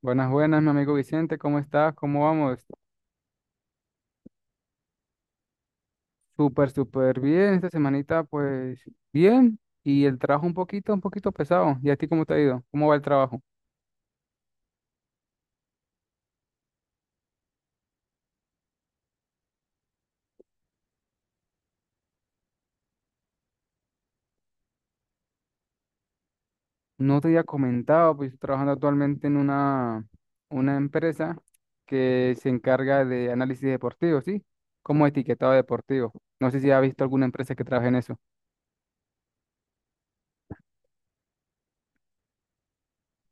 Buenas, buenas, mi amigo Vicente, ¿cómo estás? ¿Cómo vamos? Súper, súper bien. Esta semanita, pues, bien. Y el trabajo un poquito pesado. ¿Y a ti cómo te ha ido? ¿Cómo va el trabajo? No te había comentado, pues, estoy trabajando actualmente en una empresa que se encarga de análisis deportivo, ¿sí? Como etiquetado deportivo. No sé si has visto alguna empresa que trabaje en eso.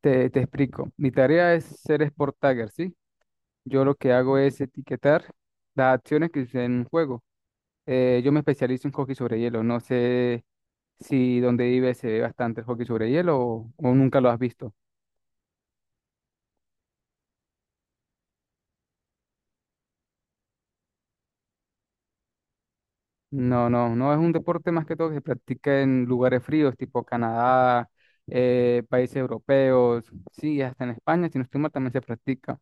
Te explico. Mi tarea es ser Sport Tagger, ¿sí? Yo lo que hago es etiquetar las acciones que suceden en un juego. Yo me especializo en hockey sobre hielo. No sé si donde vives se ve bastante el hockey sobre hielo o nunca lo has visto. No, no, no es un deporte más que todo que se practica en lugares fríos, tipo Canadá, países europeos, sí, hasta en España, si no estoy mal, también se practica.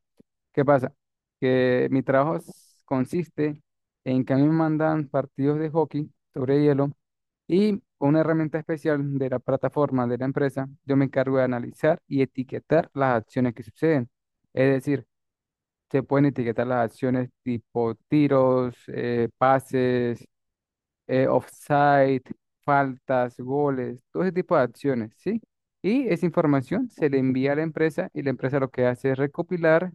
¿Qué pasa? Que mi trabajo consiste en que a mí me mandan partidos de hockey sobre hielo. Y con una herramienta especial de la plataforma de la empresa, yo me encargo de analizar y etiquetar las acciones que suceden. Es decir, se pueden etiquetar las acciones tipo tiros, pases, offside, faltas, goles, todo ese tipo de acciones, ¿sí? Y esa información se le envía a la empresa y la empresa lo que hace es recopilar,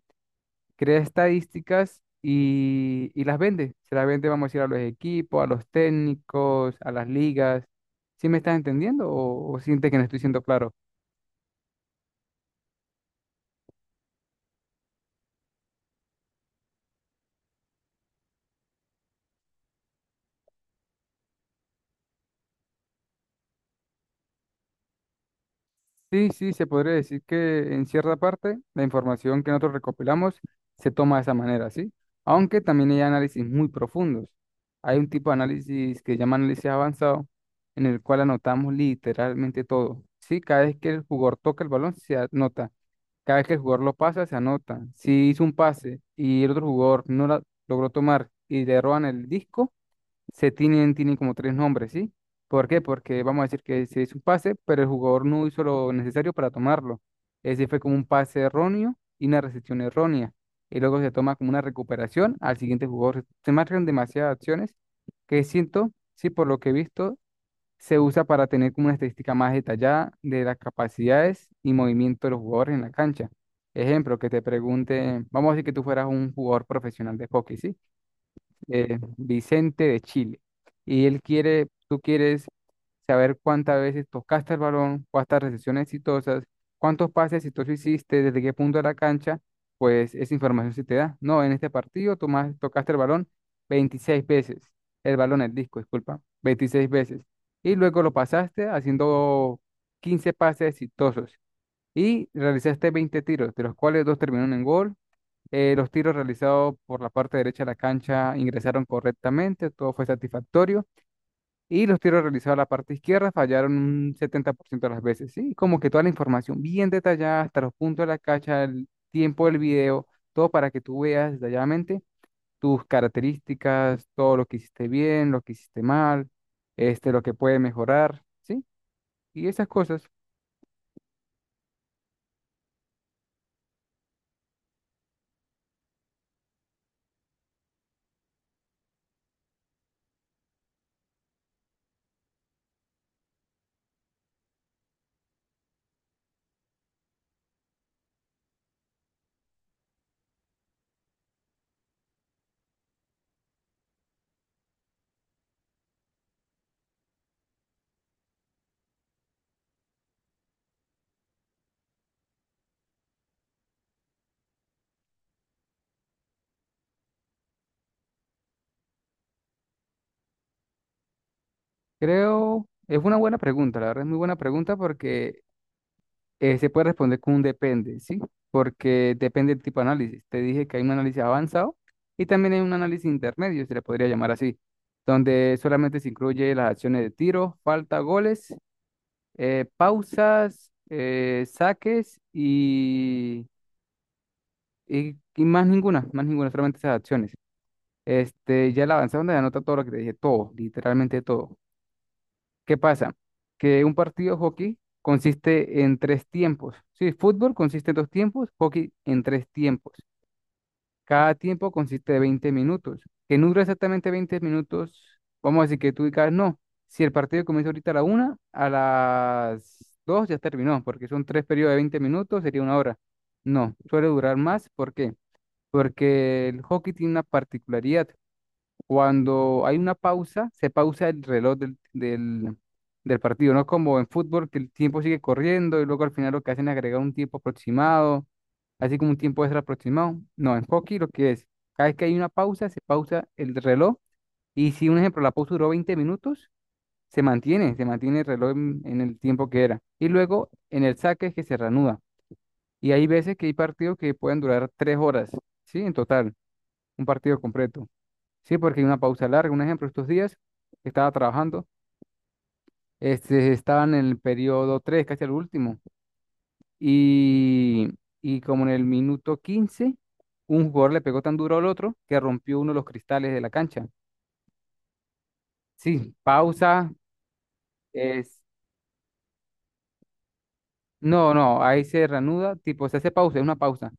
crea estadísticas y las vende. Se las vende, vamos a decir, a los equipos, a los técnicos, a las ligas. ¿Sí me estás entendiendo o sientes que no estoy siendo claro? Sí, sí, se podría decir que en cierta parte la información que nosotros recopilamos se toma de esa manera, ¿sí? Aunque también hay análisis muy profundos. Hay un tipo de análisis que se llama análisis avanzado, en el cual anotamos literalmente todo, ¿sí? Cada vez que el jugador toca el balón se anota, cada vez que el jugador lo pasa se anota. Si hizo un pase y el otro jugador no la logró tomar y le roban el disco, tienen como tres nombres, ¿sí? ¿Por qué? Porque vamos a decir que se hizo un pase, pero el jugador no hizo lo necesario para tomarlo. Ese fue como un pase erróneo y una recepción errónea. Y luego se toma como una recuperación al siguiente jugador. Se marcan demasiadas acciones que siento, sí, por lo que he visto, se usa para tener como una estadística más detallada de las capacidades y movimiento de los jugadores en la cancha. Ejemplo, que te pregunte, vamos a decir que tú fueras un jugador profesional de hockey, ¿sí? Vicente de Chile. Tú quieres saber cuántas veces tocaste el balón, cuántas recepciones exitosas, cuántos pases exitosos hiciste, desde qué punto de la cancha, pues esa información se te da. No, en este partido tú más tocaste el balón 26 veces, el balón, el disco, disculpa, 26 veces. Y luego lo pasaste haciendo 15 pases exitosos y realizaste 20 tiros, de los cuales dos terminaron en gol. Los tiros realizados por la parte derecha de la cancha ingresaron correctamente, todo fue satisfactorio. Y los tiros realizados a la parte izquierda fallaron un 70% de las veces, ¿sí? Como que toda la información bien detallada, hasta los puntos de la cancha, el tiempo del video, todo para que tú veas detalladamente tus características, todo lo que hiciste bien, lo que hiciste mal, este, lo que puede mejorar, ¿sí? Y esas cosas. Creo, es una buena pregunta, la verdad es muy buena pregunta porque se puede responder con un depende, ¿sí? Porque depende del tipo de análisis. Te dije que hay un análisis avanzado y también hay un análisis intermedio, se le podría llamar así, donde solamente se incluye las acciones de tiro, falta, goles, pausas, saques y más ninguna, solamente esas acciones. Este, ya el avanzado donde anota todo lo que te dije, todo, literalmente todo. ¿Qué pasa? Que un partido de hockey consiste en tres tiempos. Sí, fútbol consiste en dos tiempos, hockey en tres tiempos. Cada tiempo consiste de 20 minutos. Que no dura exactamente 20 minutos, vamos a decir que tú digas, no, si el partido comienza ahorita a la una, a las dos ya terminó, porque son tres periodos de 20 minutos, sería una hora. No, suele durar más. ¿Por qué? Porque el hockey tiene una particularidad, cuando hay una pausa, se pausa el reloj del partido, no como en fútbol, que el tiempo sigue corriendo y luego al final lo que hacen es agregar un tiempo aproximado, así como un tiempo extra aproximado. No, en hockey lo que es, cada vez que hay una pausa, se pausa el reloj y si un ejemplo, la pausa duró 20 minutos, se mantiene el reloj en el tiempo que era. Y luego en el saque es que se reanuda. Y hay veces que hay partidos que pueden durar 3 horas, ¿sí? En total, un partido completo. Sí, porque hay una pausa larga. Un ejemplo, estos días que estaba trabajando, este, estaba en el periodo 3 casi al último, y, y como en el minuto 15 un jugador le pegó tan duro al otro que rompió uno de los cristales de la cancha. Sí, pausa es... No, no, ahí se reanuda, tipo, se hace pausa, es una pausa.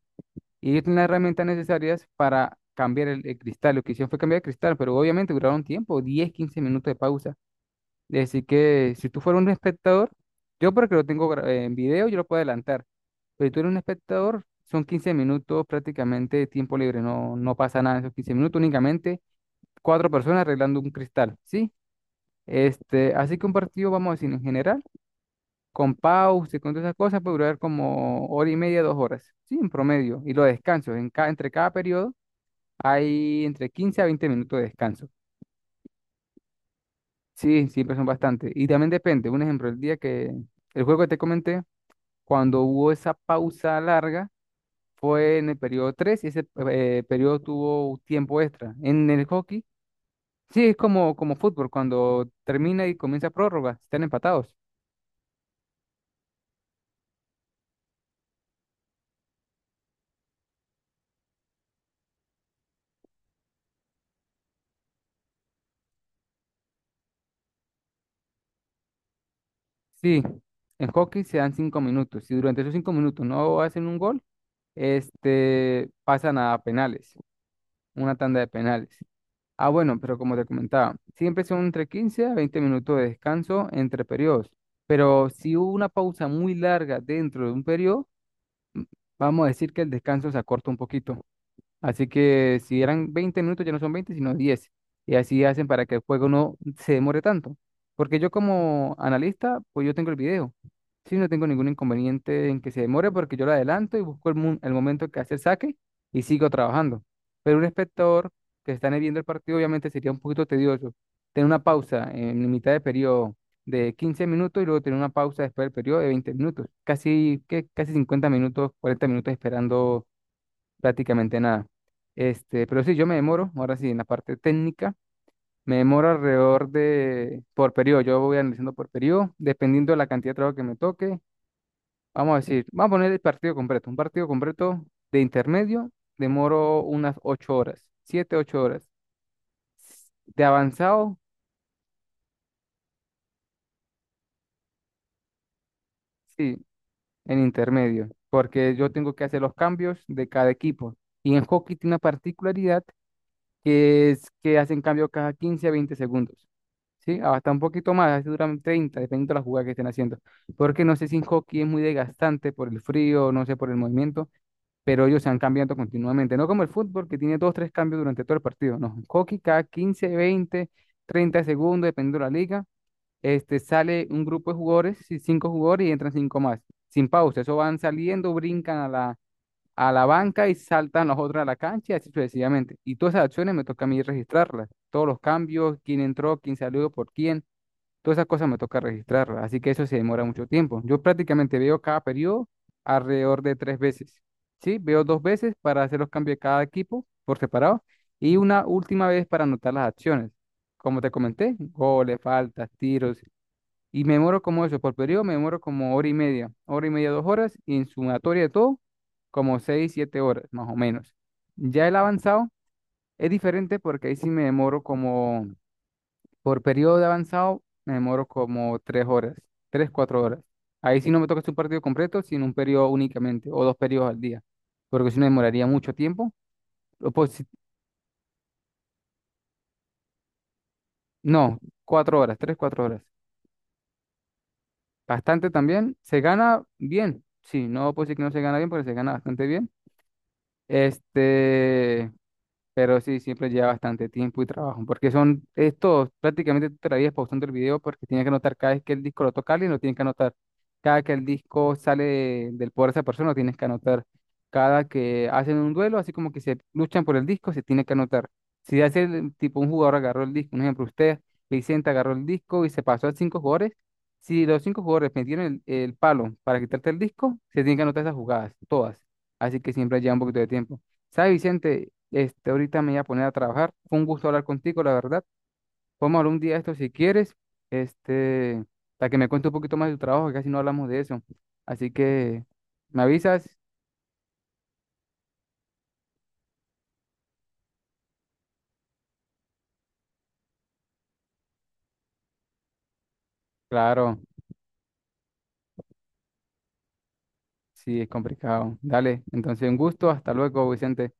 Y ellos tienen las herramientas necesarias para cambiar el cristal. Lo que hicieron fue cambiar el cristal, pero obviamente duraron tiempo, 10 a 15 minutos de pausa. Así que si tú fueras un espectador, yo porque lo tengo en video, yo lo puedo adelantar. Pero si tú eres un espectador, son 15 minutos prácticamente de tiempo libre. No, no pasa nada en esos 15 minutos, únicamente cuatro personas arreglando un cristal, ¿sí? Este, así que un partido, vamos a decir, en general, con pausa y con todas esas cosas, puede durar como hora y media, 2 horas, ¿sí? En promedio. Y los descansos, entre cada periodo hay entre 15 a 20 minutos de descanso. Sí, siempre son bastante. Y también depende, un ejemplo, el día que el juego que te comenté, cuando hubo esa pausa larga, fue en el periodo 3 y ese periodo tuvo tiempo extra. En el hockey, sí, es como, como fútbol, cuando termina y comienza prórroga, están empatados. Sí, en hockey se dan 5 minutos. Si durante esos 5 minutos no hacen un gol, este, pasan a penales, una tanda de penales. Ah, bueno, pero como te comentaba, siempre son entre 15 a 20 minutos de descanso entre periodos. Pero si hubo una pausa muy larga dentro de un periodo, vamos a decir que el descanso se acorta un poquito. Así que si eran 20 minutos, ya no son 20 sino diez. Y así hacen para que el juego no se demore tanto. Porque yo como analista, pues yo tengo el video. Sí, no tengo ningún inconveniente en que se demore porque yo lo adelanto y busco el momento que hace el saque y sigo trabajando. Pero un espectador que está viendo el partido, obviamente sería un poquito tedioso. Tener una pausa en mitad de periodo de 15 minutos y luego tener una pausa después del periodo de 20 minutos. Casi, que, casi 50 minutos, 40 minutos esperando prácticamente nada. Este, pero sí, yo me demoro, ahora sí, en la parte técnica, me demoro alrededor de, por periodo, yo voy analizando por periodo, dependiendo de la cantidad de trabajo que me toque. Vamos a decir, vamos a poner el partido completo, un partido completo de intermedio, demoro unas 8 horas, 7 8 horas. De avanzado, sí, en intermedio, porque yo tengo que hacer los cambios de cada equipo. Y en hockey tiene una particularidad que es que hacen cambio cada 15 a 20 segundos. ¿Sí? Ah, hasta un poquito más, a veces duran 30, dependiendo de la jugada que estén haciendo. Porque no sé si en hockey es muy desgastante por el frío, no sé, por el movimiento, pero ellos se han cambiando continuamente. No como el fútbol, que tiene dos, tres cambios durante todo el partido. No, en hockey cada 15 20 30 segundos, dependiendo de la liga, este, sale un grupo de jugadores, sí, cinco jugadores y entran cinco más, sin pausa. Eso van saliendo, brincan a la banca y saltan los otros a la cancha y así sucesivamente. Y todas esas acciones me toca a mí registrarlas. Todos los cambios, quién entró, quién salió, por quién, todas esas cosas me toca registrarlas. Así que eso se demora mucho tiempo. Yo prácticamente veo cada periodo alrededor de tres veces. Sí, veo dos veces para hacer los cambios de cada equipo por separado y una última vez para anotar las acciones. Como te comenté, goles, faltas, tiros y me demoro como eso, por periodo me demoro como hora y media, dos horas, y en sumatoria de todo, como seis, siete horas, más o menos. Ya el avanzado es diferente porque ahí sí me demoro como, por periodo de avanzado, me demoro como 3 horas, tres, cuatro horas. Ahí sí no me toca hacer un partido completo, sino un periodo únicamente, o dos periodos al día, porque si no demoraría mucho tiempo. O pues, no, 4 horas, tres, cuatro horas. Bastante también. Se gana bien, sí, no puedo decir que no se gana bien, porque se gana bastante bien. Este, pero sí, siempre lleva bastante tiempo y trabajo, porque son estos, prácticamente tú te la vives pausando el video porque tienes que anotar cada vez que el disco lo toca alguien, lo tienes que anotar. Cada que el disco sale del poder de esa persona, lo tienes que anotar. Cada que hacen un duelo, así como que se luchan por el disco, se tiene que anotar. Si hace tipo un jugador agarró el disco, un ejemplo, usted, Vicente agarró el disco y se pasó a cinco jugadores, si los cinco jugadores metieron el palo para quitarte el disco, se tienen que anotar esas jugadas, todas. Así que siempre lleva un poquito de tiempo. ¿Sabes, Vicente? Este, ahorita me voy a poner a trabajar. Fue un gusto hablar contigo, la verdad. Podemos hablar un día de esto si quieres, este, para que me cuente un poquito más de tu trabajo, que casi no hablamos de eso. Así que, ¿me avisas? Claro, sí, es complicado. Dale, entonces un gusto. Hasta luego, Vicente.